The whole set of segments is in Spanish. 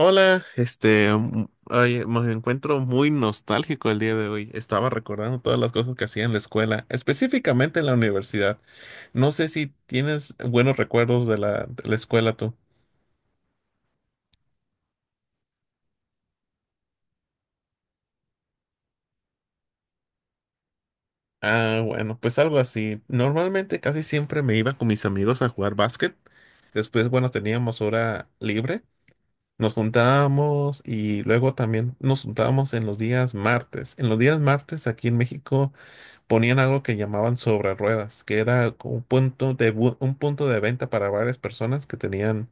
Hola, oye, me encuentro muy nostálgico el día de hoy. Estaba recordando todas las cosas que hacía en la escuela, específicamente en la universidad. No sé si tienes buenos recuerdos de la escuela tú. Ah, bueno, pues algo así. Normalmente casi siempre me iba con mis amigos a jugar básquet. Después, bueno, teníamos hora libre. Nos juntábamos y luego también nos juntábamos en los días martes. En los días martes aquí en México ponían algo que llamaban sobre ruedas, que era como un punto de venta para varias personas que tenían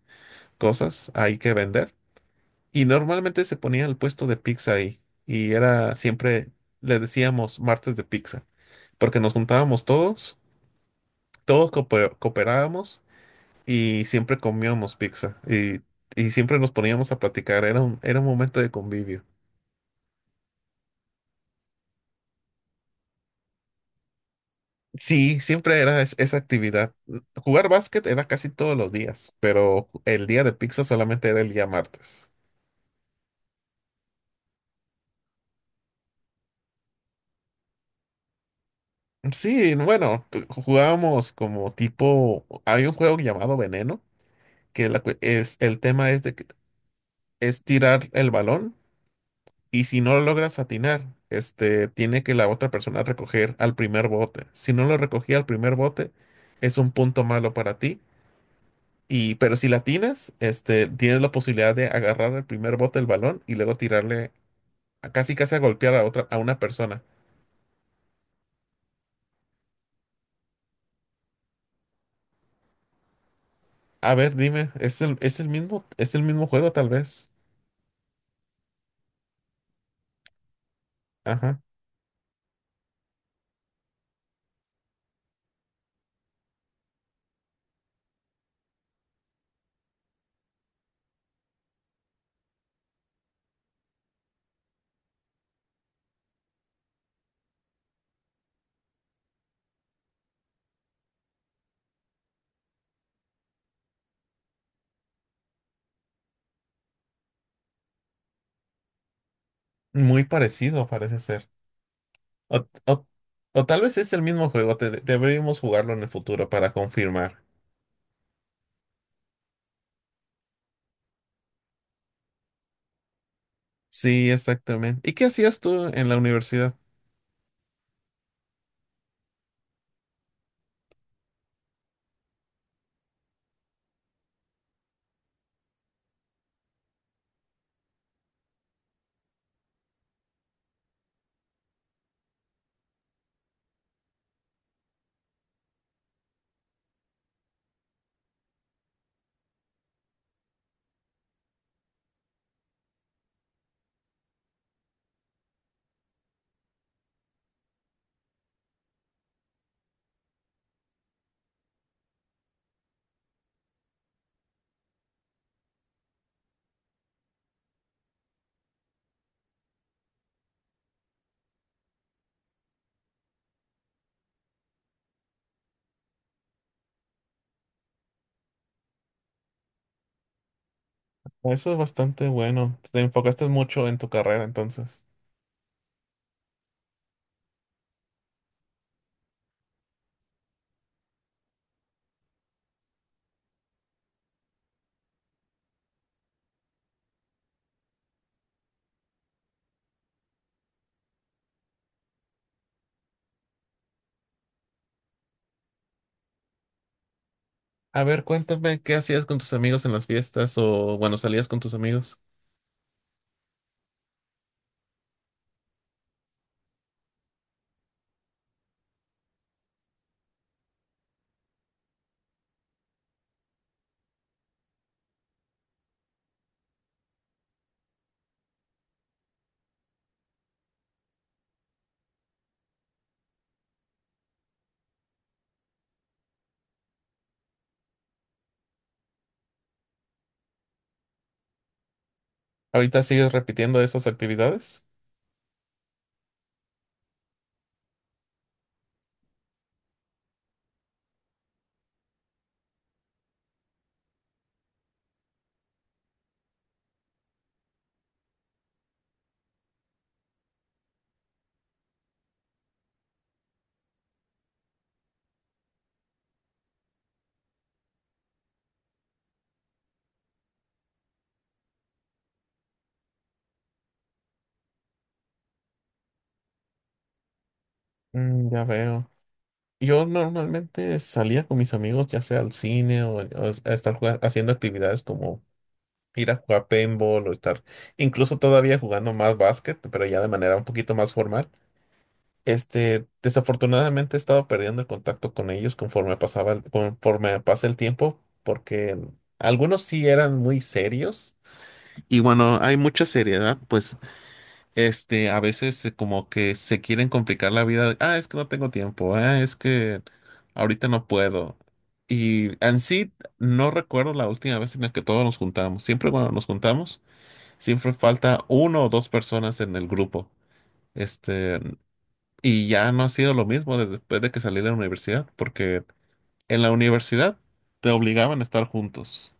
cosas ahí que vender. Y normalmente se ponía el puesto de pizza ahí. Y era siempre, le decíamos martes de pizza, porque nos juntábamos todos, todos cooperábamos y siempre comíamos pizza. Y siempre nos poníamos a platicar. Era un momento de convivio. Sí, siempre era esa actividad. Jugar básquet era casi todos los días, pero el día de pizza solamente era el día martes. Sí, bueno, jugábamos como tipo, hay un juego llamado Veneno, que el tema es de que es tirar el balón y si no lo logras atinar, tiene que la otra persona recoger al primer bote. Si no lo recogía al primer bote, es un punto malo para ti. Y, pero si la atinas, tienes la posibilidad de agarrar el primer bote del balón y luego tirarle casi casi a golpear a una persona. A ver, dime, es el mismo juego tal vez. Ajá. Muy parecido parece ser. O, o- o tal vez es el mismo juego, deberíamos jugarlo en el futuro para confirmar. Sí, exactamente. ¿Y qué hacías tú en la universidad? Eso es bastante bueno. Te enfocaste mucho en tu carrera entonces. A ver, cuéntame, ¿qué hacías con tus amigos en las fiestas o bueno, salías con tus amigos? ¿Ahorita sigues repitiendo esas actividades? Mm, ya veo. Yo normalmente salía con mis amigos, ya sea al cine o a estar jugando, haciendo actividades como ir a jugar paintball o estar incluso todavía jugando más básquet, pero ya de manera un poquito más formal. Desafortunadamente he estado perdiendo el contacto con ellos conforme pasaba, conforme pasa el tiempo, porque algunos sí eran muy serios. Y bueno, hay mucha seriedad, pues, a veces como que se quieren complicar la vida. Ah, es que no tengo tiempo. Ah, es que ahorita no puedo. Y en sí, no recuerdo la última vez en la que todos nos juntamos. Siempre cuando nos juntamos, siempre falta uno o dos personas en el grupo. Este, y ya no ha sido lo mismo desde después de que salí de la universidad, porque en la universidad te obligaban a estar juntos.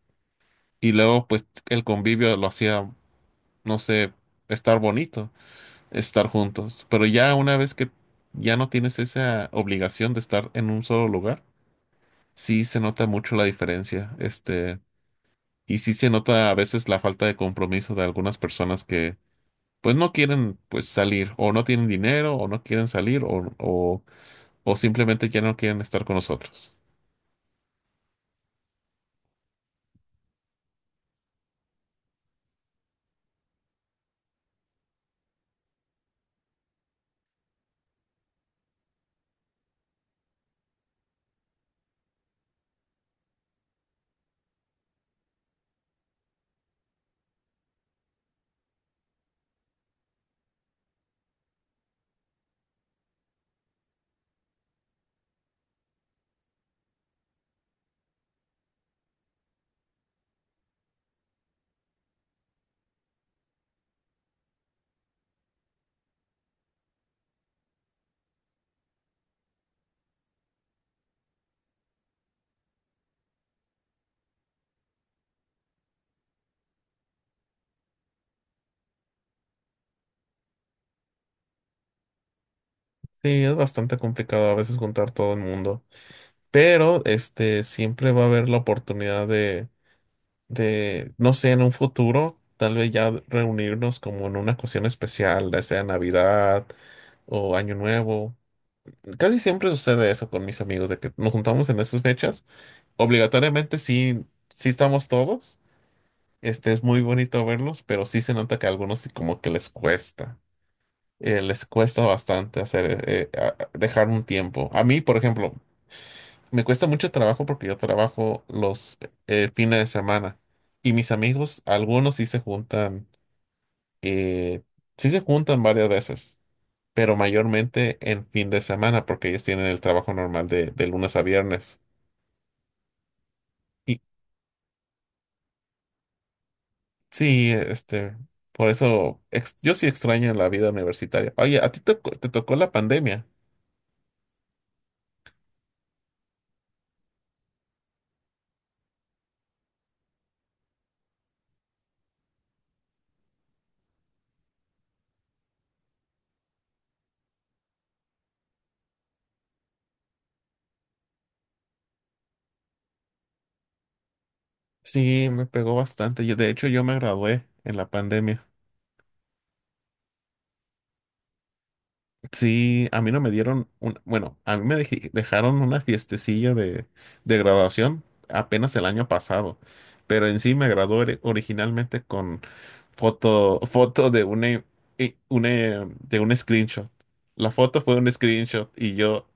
Y luego, pues, el convivio lo hacía, no sé, estar bonito, estar juntos. Pero ya una vez que ya no tienes esa obligación de estar en un solo lugar, sí se nota mucho la diferencia. Y sí se nota a veces la falta de compromiso de algunas personas que pues no quieren pues salir, o no tienen dinero, o no quieren salir, o simplemente ya no quieren estar con nosotros. Sí, es bastante complicado a veces juntar todo el mundo, pero este siempre va a haber la oportunidad no sé, en un futuro, tal vez ya reunirnos como en una ocasión especial, ya sea Navidad o Año Nuevo. Casi siempre sucede eso con mis amigos, de que nos juntamos en esas fechas. Obligatoriamente sí, sí estamos todos. Es muy bonito verlos, pero sí se nota que a algunos sí como que les cuesta. Les cuesta bastante hacer, dejar un tiempo. A mí, por ejemplo, me cuesta mucho trabajo porque yo trabajo los fines de semana y mis amigos, algunos eh, sí se juntan varias veces, pero mayormente en fin de semana porque ellos tienen el trabajo normal de lunes a viernes. Y sí, por eso yo sí extraño la vida universitaria. Oye, ¿a ti te tocó la pandemia? Sí, me pegó bastante. Yo, de hecho, yo me gradué en la pandemia. Sí, a mí no me dieron un, bueno, a mí me dejaron una fiestecilla de, graduación apenas el año pasado, pero en sí me gradué originalmente con foto de una, i- i- una, de un screenshot. La foto fue un screenshot y yo,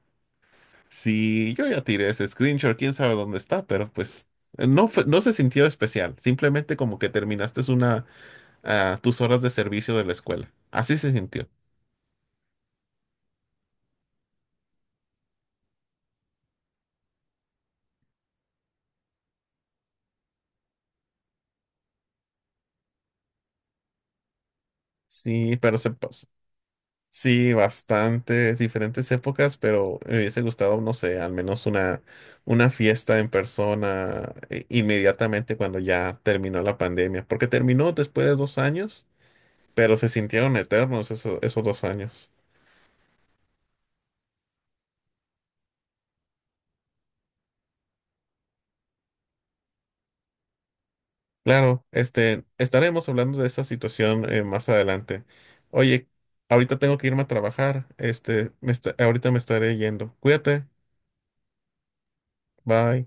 sí, yo ya tiré ese screenshot, quién sabe dónde está, pero pues no se sintió especial, simplemente como que terminaste tus horas de servicio de la escuela. Así se sintió. Sí, pero se pasó. Sí, bastantes diferentes épocas, pero me hubiese gustado, no sé, al menos una fiesta en persona inmediatamente cuando ya terminó la pandemia, porque terminó después de 2 años, pero se sintieron eternos esos 2 años. Claro, estaremos hablando de esa situación más adelante. Oye, ahorita tengo que irme a trabajar, ahorita me estaré yendo. Cuídate, bye.